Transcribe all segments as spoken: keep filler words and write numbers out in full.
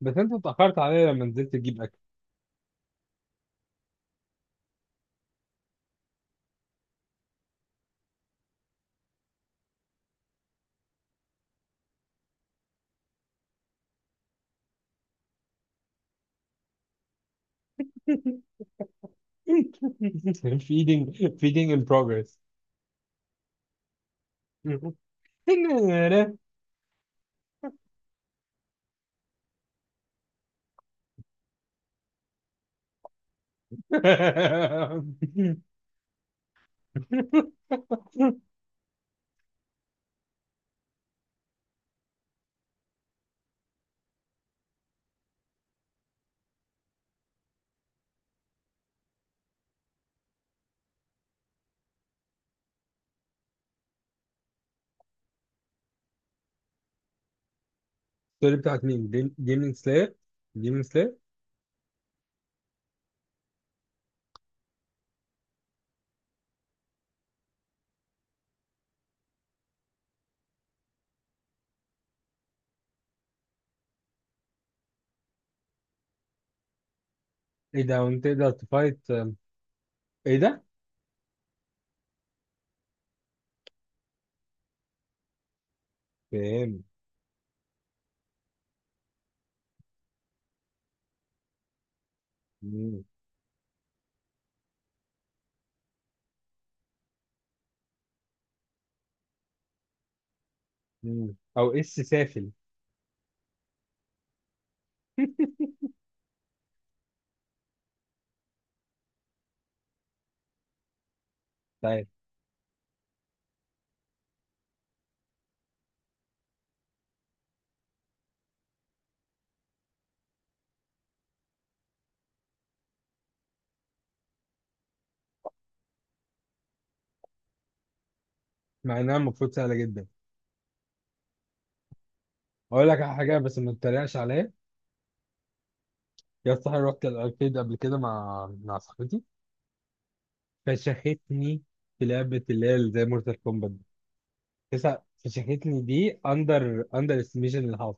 بس انت اتأخرت عليا لما نزلت تجيب اكل. feeding feeding in progress. الستوري بتاعت مين؟ جيم- جيمين سلاير. جيمين سلاير. ايه ده وانت تقدر تفايت أم، ايه ده؟ فاهم. مم. مم. او اس سافل مش عارف. مع انها المفروض سهله جدا. اقول لك على حاجه بس ما تتريقش عليا. يا صاحبي رحت الاركيد قبل كده مع مع صاحبتي فشختني في لعبه اللي هي زي مورتال كومبات تسع. فشختني دي اندر اندر استيميشن للهاف.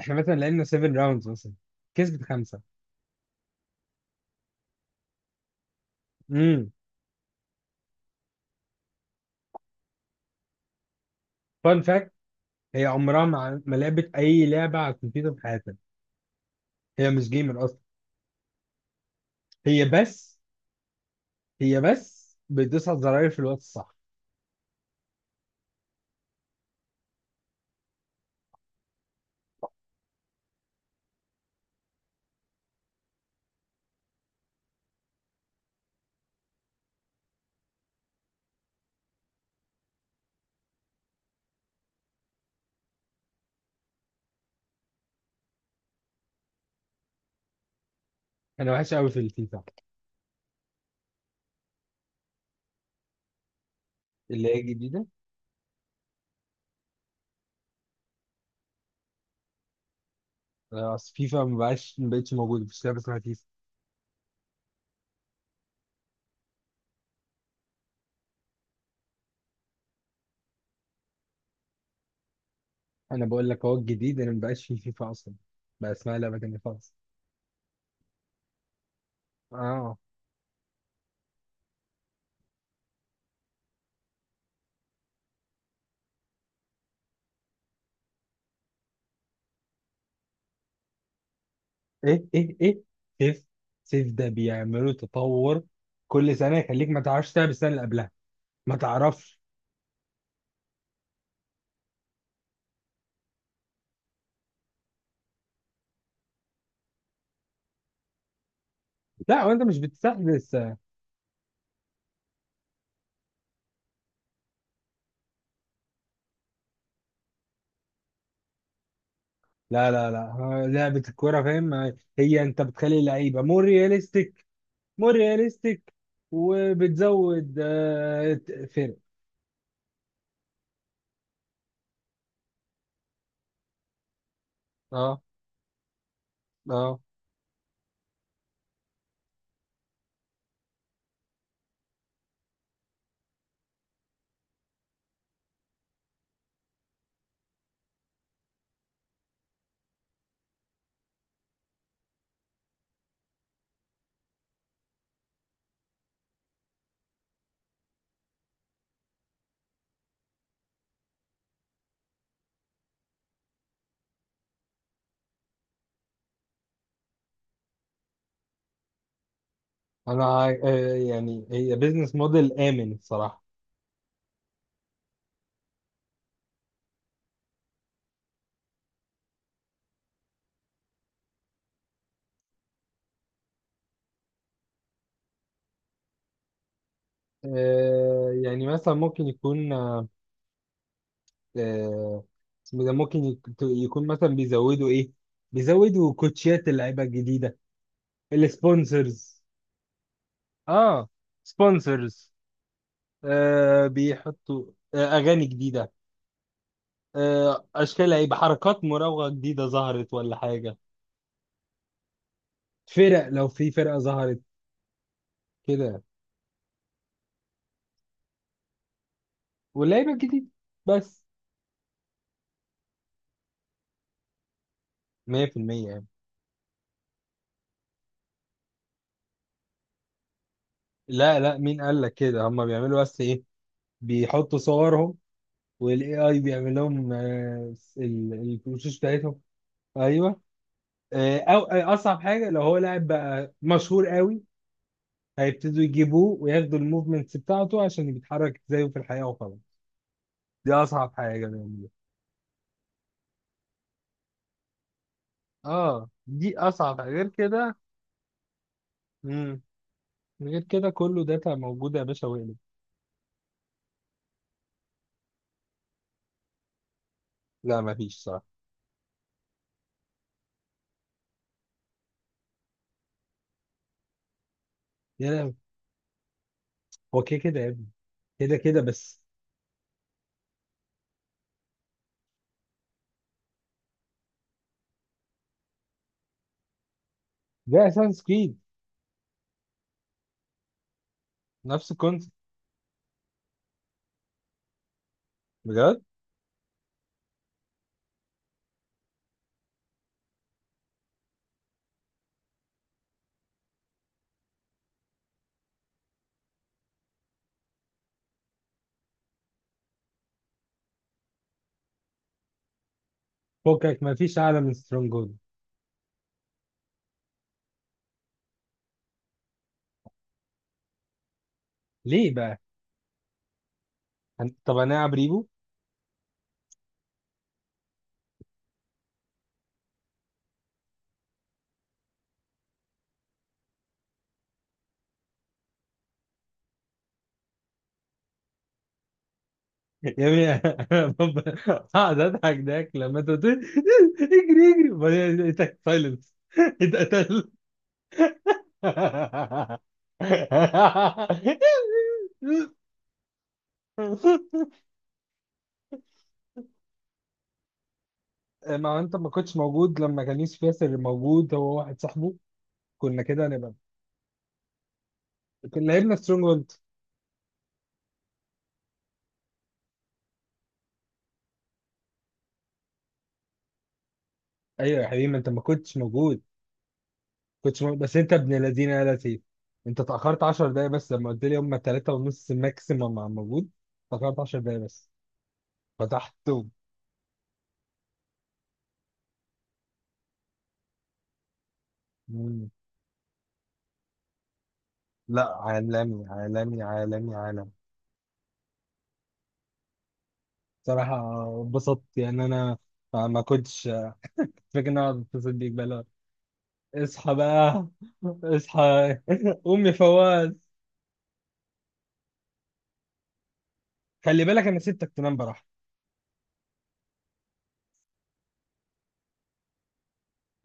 احنا مثلا لعبنا سبع راوندز مثلا، كسبت خمسه. امم فان فاكت، هي عمرها ما ما لعبت اي لعبه على الكمبيوتر في حياتها. هي مش جيمر اصلا. هي بس هي بس بتدوس على الزراير في الوقت الصح. انا وحش قوي في الفيفا، اللي هي الجديده. آه، اصل فيفا ما بقاش ما بقتش موجوده، مش لعبه اسمها فيفا. انا بقول لك هو الجديد، انا ما بقاش في فيفا اصلا، بقى اسمها لعبه تانيه خالص. اه. ايه ايه ايه. سيف سيف ده بيعملوا تطور كل سنه، يخليك ما تعرفش تلعب السنه اللي قبلها. ما تعرفش. لا، وانت مش بتستحدث. لا لا لا، ها، لعبه الكوره فاهم. هي انت بتخلي اللعيبه مور رياليستيك. مور رياليستيك. وبتزود آه، فرق. اه اه. انا عاي- آه، يعني هي بيزنس موديل امن الصراحه. آه، يعني مثلا ممكن يكون آه، آه، اسمه ده ممكن يك- يكون مثلا بيزودوا ايه، بيزودوا كوتشيات اللعيبه الجديده، السبونسرز. اه. سبونسرز. آه بيحطوا. آه اغاني جديده. آه اشكال لعيبه، حركات مراوغه جديده ظهرت ولا حاجه، فرق لو في فرقه ظهرت، كده. واللعيبه الجديده بس. ميه في الميه يعني. لا لا، مين قال لك كده؟ هم بيعملوا بس ايه؟ بيحطوا صورهم، والاي اي بيعمل لهم آه، ال- الوشوش بتاعتهم. ايوه. آه، او آه، اصعب حاجه لو هو لاعب بقى مشهور قوي هيبتدوا يجيبوه وياخدوا الموفمنتس بتاعته عشان بيتحرك زيه في الحياه وخلاص. دي اصعب حاجه بيعملوها. اه، دي اصعب حاجه غير كده. امم غير كده كله داتا موجوده يا باشا وقلب. لا مفيش صراحه. يا لا. هو كده كده يا ابني، كده كده بس. ده اساس كريد، نفس الكونسيبت. بجد فكك مفيش اعلى من سترونج هولد. ليه بقى؟ هن- طب هنلعب ريبو. يا ابني بابا. هقعد اضحك ضحك لما انت قلت لي اجري، اجري، وبعدين لقيتك سايلنس، اتقتل. ما هو انت ما كنتش موجود لما كان يوسف ياسر موجود هو واحد صاحبه، كنا كده نبقى. كنا لعبنا سترونج هولد. ايوه يا حبيبي، ما انت ما كنتش موجود، كنتش موجود. بس انت ابن الذين يا لطيف، انت اتاخرت 10 دقايق بس لما قلت لي هم تلاته ونص ماكسيمم موجود. اتاخرت 10 دقايق بس فتحته. لا، عالمي عالمي عالمي عالمي، صراحة اتبسطت يعني أنا. ما ما كنتش فاكر إن أنا أتصل بيك بقى لا. اصحى بقى، اصحى. قوم يا فواز. خلي بالك أنا سبتك تنام براحة.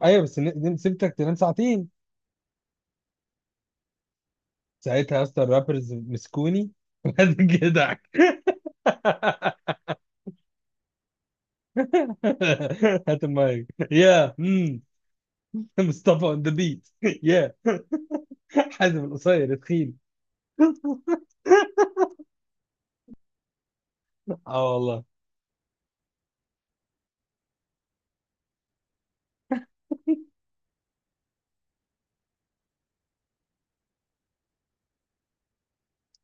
أيوة بس ن- سبتك تنام ساعتين. ساعتها يا اسطى الرابرز مسكوني وقعدت جدعك. هات المايك يا مم. مصطفى اون ذا بيت يا حازم القصير تخين. اه والله.